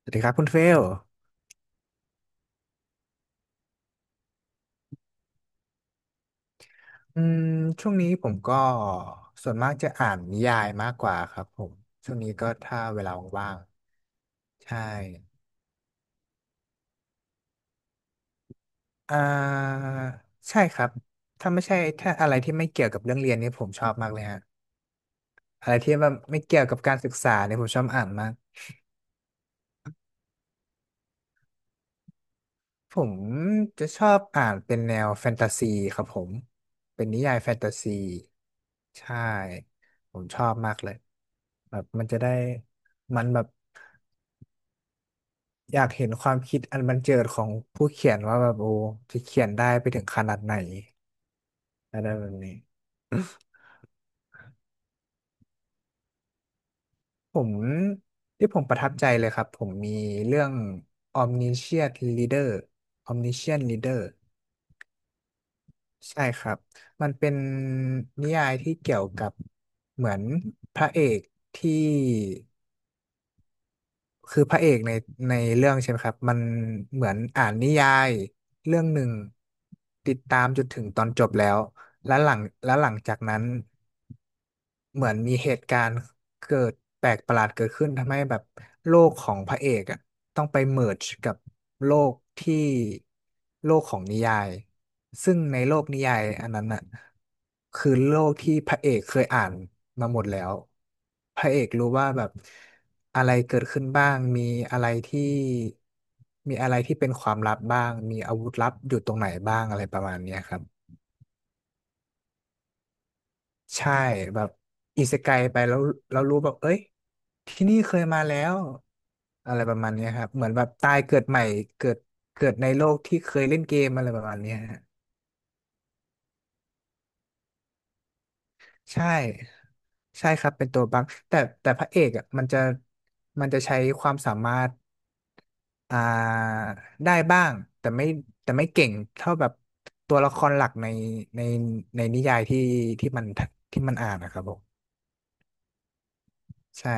สวัสดีครับคุณเฟลอืมช่วงนี้ผมก็ส่วนมากจะอ่านนิยายมากกว่าครับผมช่วงนี้ก็ถ้าเวลาว่างๆใช่อ่าใช่ครับถ้าไม่ใช่ถ้าอะไรที่ไม่เกี่ยวกับเรื่องเรียนนี่ผมชอบมากเลยฮะอะไรที่แบบไม่เกี่ยวกับการศึกษาเนี่ยผมชอบอ่านมากผมจะชอบอ่านเป็นแนวแฟนตาซีครับผมเป็นนิยายแฟนตาซีใช่ผมชอบมากเลยแบบมันจะได้มันแบบ อยากเห็นความคิดอันบันเจิดของผู้เขียนว่าแบบโอ้จะเขียนได้ไปถึงขนาดไหนอะไรแบบนี้ผมที่ผมประทับใจเลยครับผมมีเรื่อง Omniscient Reader Omniscient Reader ใช่ครับมันเป็นนิยายที่เกี่ยวกับเหมือนพระเอกที่คือพระเอกในเรื่องใช่ไหมครับมันเหมือนอ่านนิยายเรื่องหนึ่งติดตามจนถึงตอนจบแล้ว แล้วหลังแล้วหลังจากนั้นเหมือนมีเหตุการณ์เกิดแปลกประหลาดเกิดขึ้นทำให้แบบโลกของพระเอกอ่ะต้องไปเมิร์จกับโลกที่โลกของนิยายซึ่งในโลกนิยายอันนั้นอ่ะคือโลกที่พระเอกเคยอ่านมาหมดแล้วพระเอกรู้ว่าแบบอะไรเกิดขึ้นบ้างมีอะไรที่มีอะไรที่เป็นความลับบ้างมีอาวุธลับอยู่ตรงไหนบ้างอะไรประมาณเนี้ยครับ ใช่แบบอิเซไกไปแล้วเรารู้แบบเอ้ยที่นี่เคยมาแล้วอะไรประมาณเนี้ยครับเหมือนแบบตายเกิดใหม่เกิดเกิดในโลกที่เคยเล่นเกมอะไรประมาณเนี้ยฮะใช่ใช่ครับเป็นตัวบั๊กแต่พระเอกอ่ะมันจะมันจะใช้ความสามารถอ่าได้บ้างแต่ไม่แต่ไม่เก่งเท่าแบบตัวละครหลักในในนิยายที่ที่มันที่มันอ่านนะครับผมใช่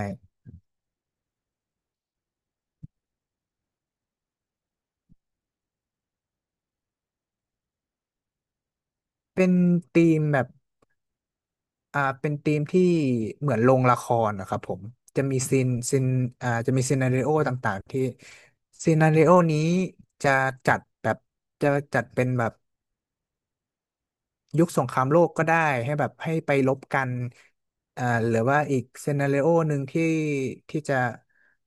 เป็นธีมแบบ เป็นธีมที่เหมือนโรงละครนะครับผมจะมีซีนซีนจะมีซีนาริโอต่างๆที่ซีนาริโอนี้จะจัดแบบจะจัดเป็นแบบยุคสงครามโลกก็ได้ให้แบบให้ไปรบกันอ่าหรือว่าอีกซีนาริโอหนึ่งที่ที่จะ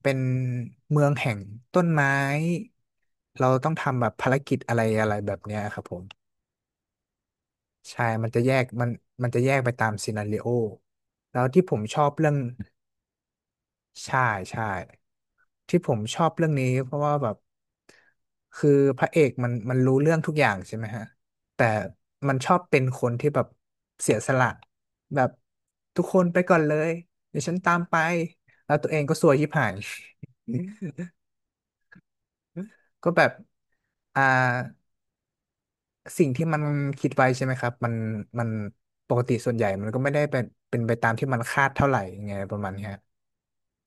เป็นเมืองแห่งต้นไม้เราต้องทำแบบภารกิจอะไรอะไรแบบเนี้ยครับผมใช่มันจะแยกมันจะแยกไปตามซีนาริโอแล้วที่ผมชอบเรื่อง ใช่ใช่ที่ผมชอบเรื่องนี้เพราะว่าแบบคือพระเอกมันรู้เรื่องทุกอย่างใช่ไหมฮะแต่มันชอบเป็นคนที่แบบเสียสละแบบทุกคนไปก่อนเลยเดี๋ยวฉันตามไปแล้วตัวเองก็ซวยชิบหาย ก็แบบอ่าสิ่งที่มันคิดไว้ใช่ไหมครับมันปกติส่วนใหญ่มันก็ไม่ได้เป็นไปตามที่มันคาดเท่าไหร่ยังไงประมาณเนี้ย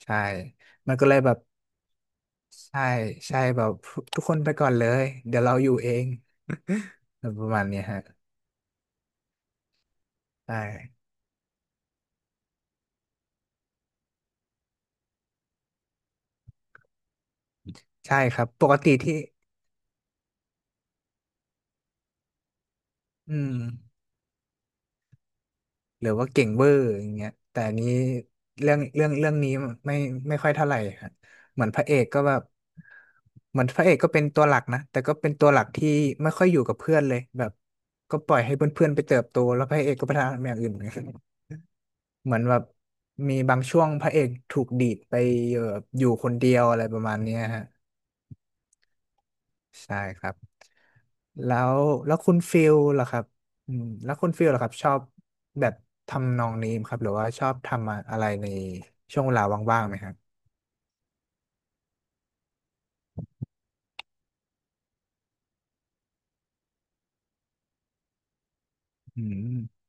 ใช่มันก็เลยแบบ ใช่ใช่แบบทุกคนไปก่อนเลยเดี๋ยวเราอยู่เอง ประมาณเนี้ยฮะใช่ใช่ครับปกติที่อืมหรือว่าเก่งเวอร์อย่างเงี้ยแต่อันนี้เรื่องนี้ไม่ไม่ค่อยเท่าไหร่ฮะเหมือนพระเอกก็แบบเหมือนพระเอกก็เป็นตัวหลักนะแต่ก็เป็นตัวหลักที่ไม่ค่อยอยู่กับเพื่อนเลยแบบก็ปล่อยให้เพื่อนๆไปเติบโตแล้วพระเอกก็ไปทำอย่างอื่นเหมือนแบบมีบางช่วงพระเอกถูกดีดไปเอ่ออยู่คนเดียวอะไรประมาณเนี้ยฮะ ใช่ครับแล้วแล้วคุณฟิลล่ะครับอืมแล้วคุณฟิลล่ะครับชอบแบบทำนองนี้ไหมครับหรือว่าชอบทำอะไรในช่วงเวลาว่างๆไหมครับอืม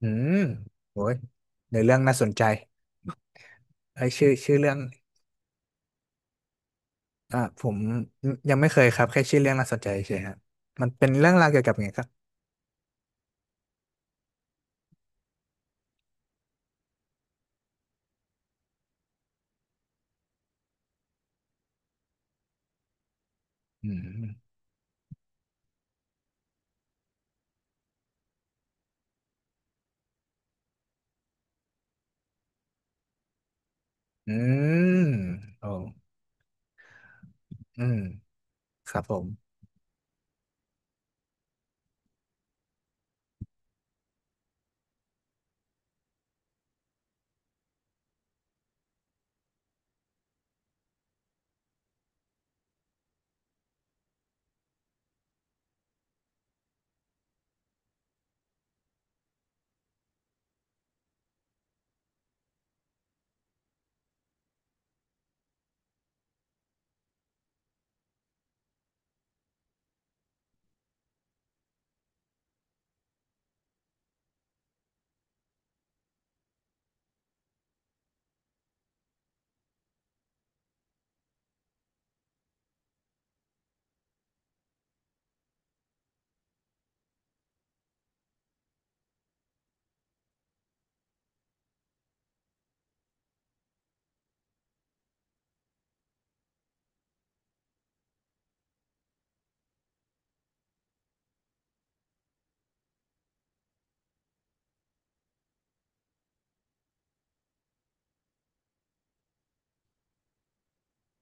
อืมโอ้ยในเรื่องน่าสนใจไอ้ยชื่อเรื่องผมยังไม่เคยครับแค่ชื่อเรื่องน่าสนใจเฉยครับมันเป็นเรื่องราวเกี่ยวกับไงครับอืมอืมโอ้อืมครับผม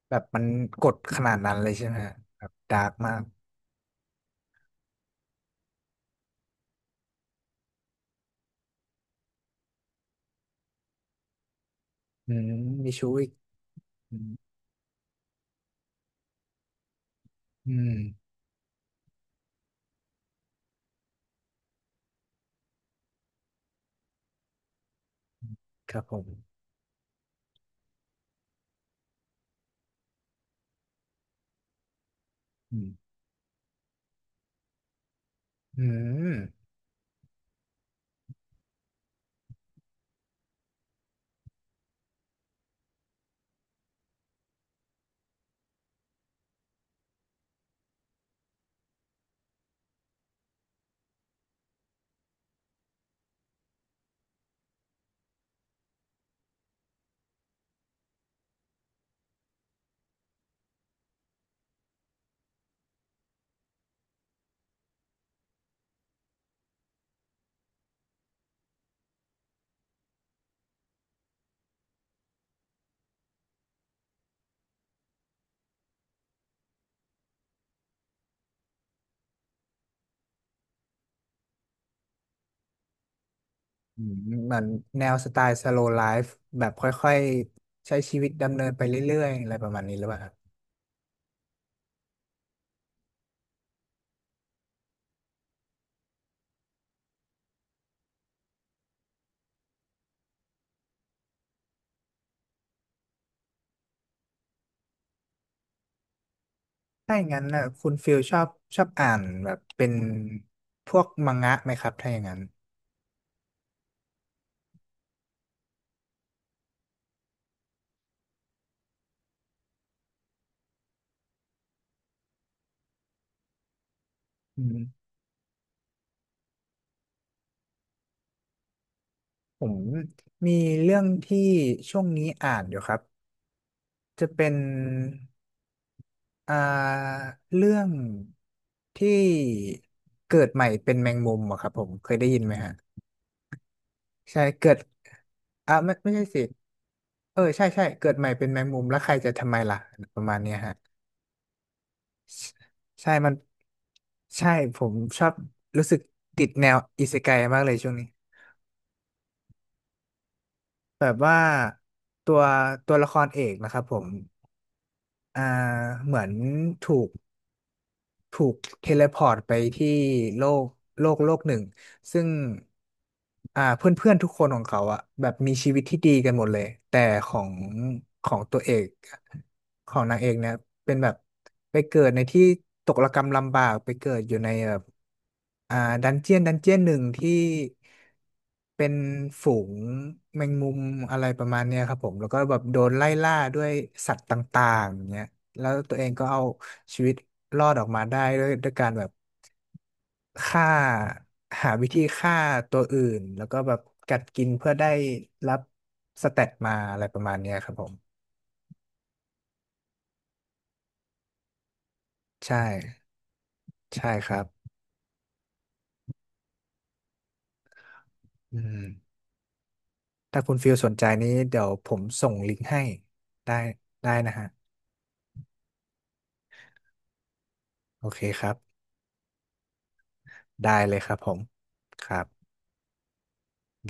แบบมันกดขนาดนั้นเลยใช่ไหมฮะแบบดาร์กมากอืมมีชู้อีก อืมครับผมอืมอืมอืมเหมือนแนวสไตล์ slow life แบบค่อยๆใช้ชีวิตดำเนินไปเรื่อยๆอะไรประมาณนี้หรือเปล่าครับถ้าอย่างนั้นนะคุณฟิลชอบชอบอ่านแบบเป็นพวกมังงะไหมครับถ้าอย่างนั้นอืมผมมีเรื่องที่ช่วงนี้อ่านอยู่ครับจะเป็นอ่าเรื่องที่เกิดใหม่เป็นแมงมุมอะครับผมเคยได้ยินไหมฮะใช่เกิด อ่ะไม่ไม่ใช่สิเออใช่ใช่เกิดใหม่เป็นแมงมุมแล้วใครจะทำไมล่ะประมาณเนี้ยฮะใช่มันใช่ผมชอบรู้สึกติดแนวอิเซไกมากเลยช่วงนี้แบบว่าตัวตัวละครเอกนะครับผมอ่าเหมือนถูกถูกเทเลพอร์ตไปที่โลกโลกหนึ่ง ซึ่งเพื่อนเพื่อนทุกคนของเขาอะแบบมีชีวิตที่ดีกันหมดเลยแต่ของของตัวเอกของนางเอกเนี่ยเป็นแบบไปเกิดในที่ตกระกำลำบากไปเกิดอยู่ในแบบอ่าดันเจียนดันเจียนหนึ่งที่เป็นฝูงแมงมุมอะไรประมาณเนี้ยครับผมแล้วก็แบบโดนไล่ล่าด้วยสัตว์ต่างๆอย่างเงี้ยแล้วตัวเองก็เอาชีวิตรอดออกมาได้ด้วยการแบบ ฆ่าหาวิธีฆ่าตัวอื่นแล้วก็แบบกัดกินเพื่อได้รับสเตตมาอะไรประมาณเนี้ยครับผมใช่ใช่ครับอืมถ้าคุณฟิลสนใจนี้เดี๋ยวผมส่งลิงก์ให้ได้ได้นะฮะโอเคครับได้เลยครับผมครับ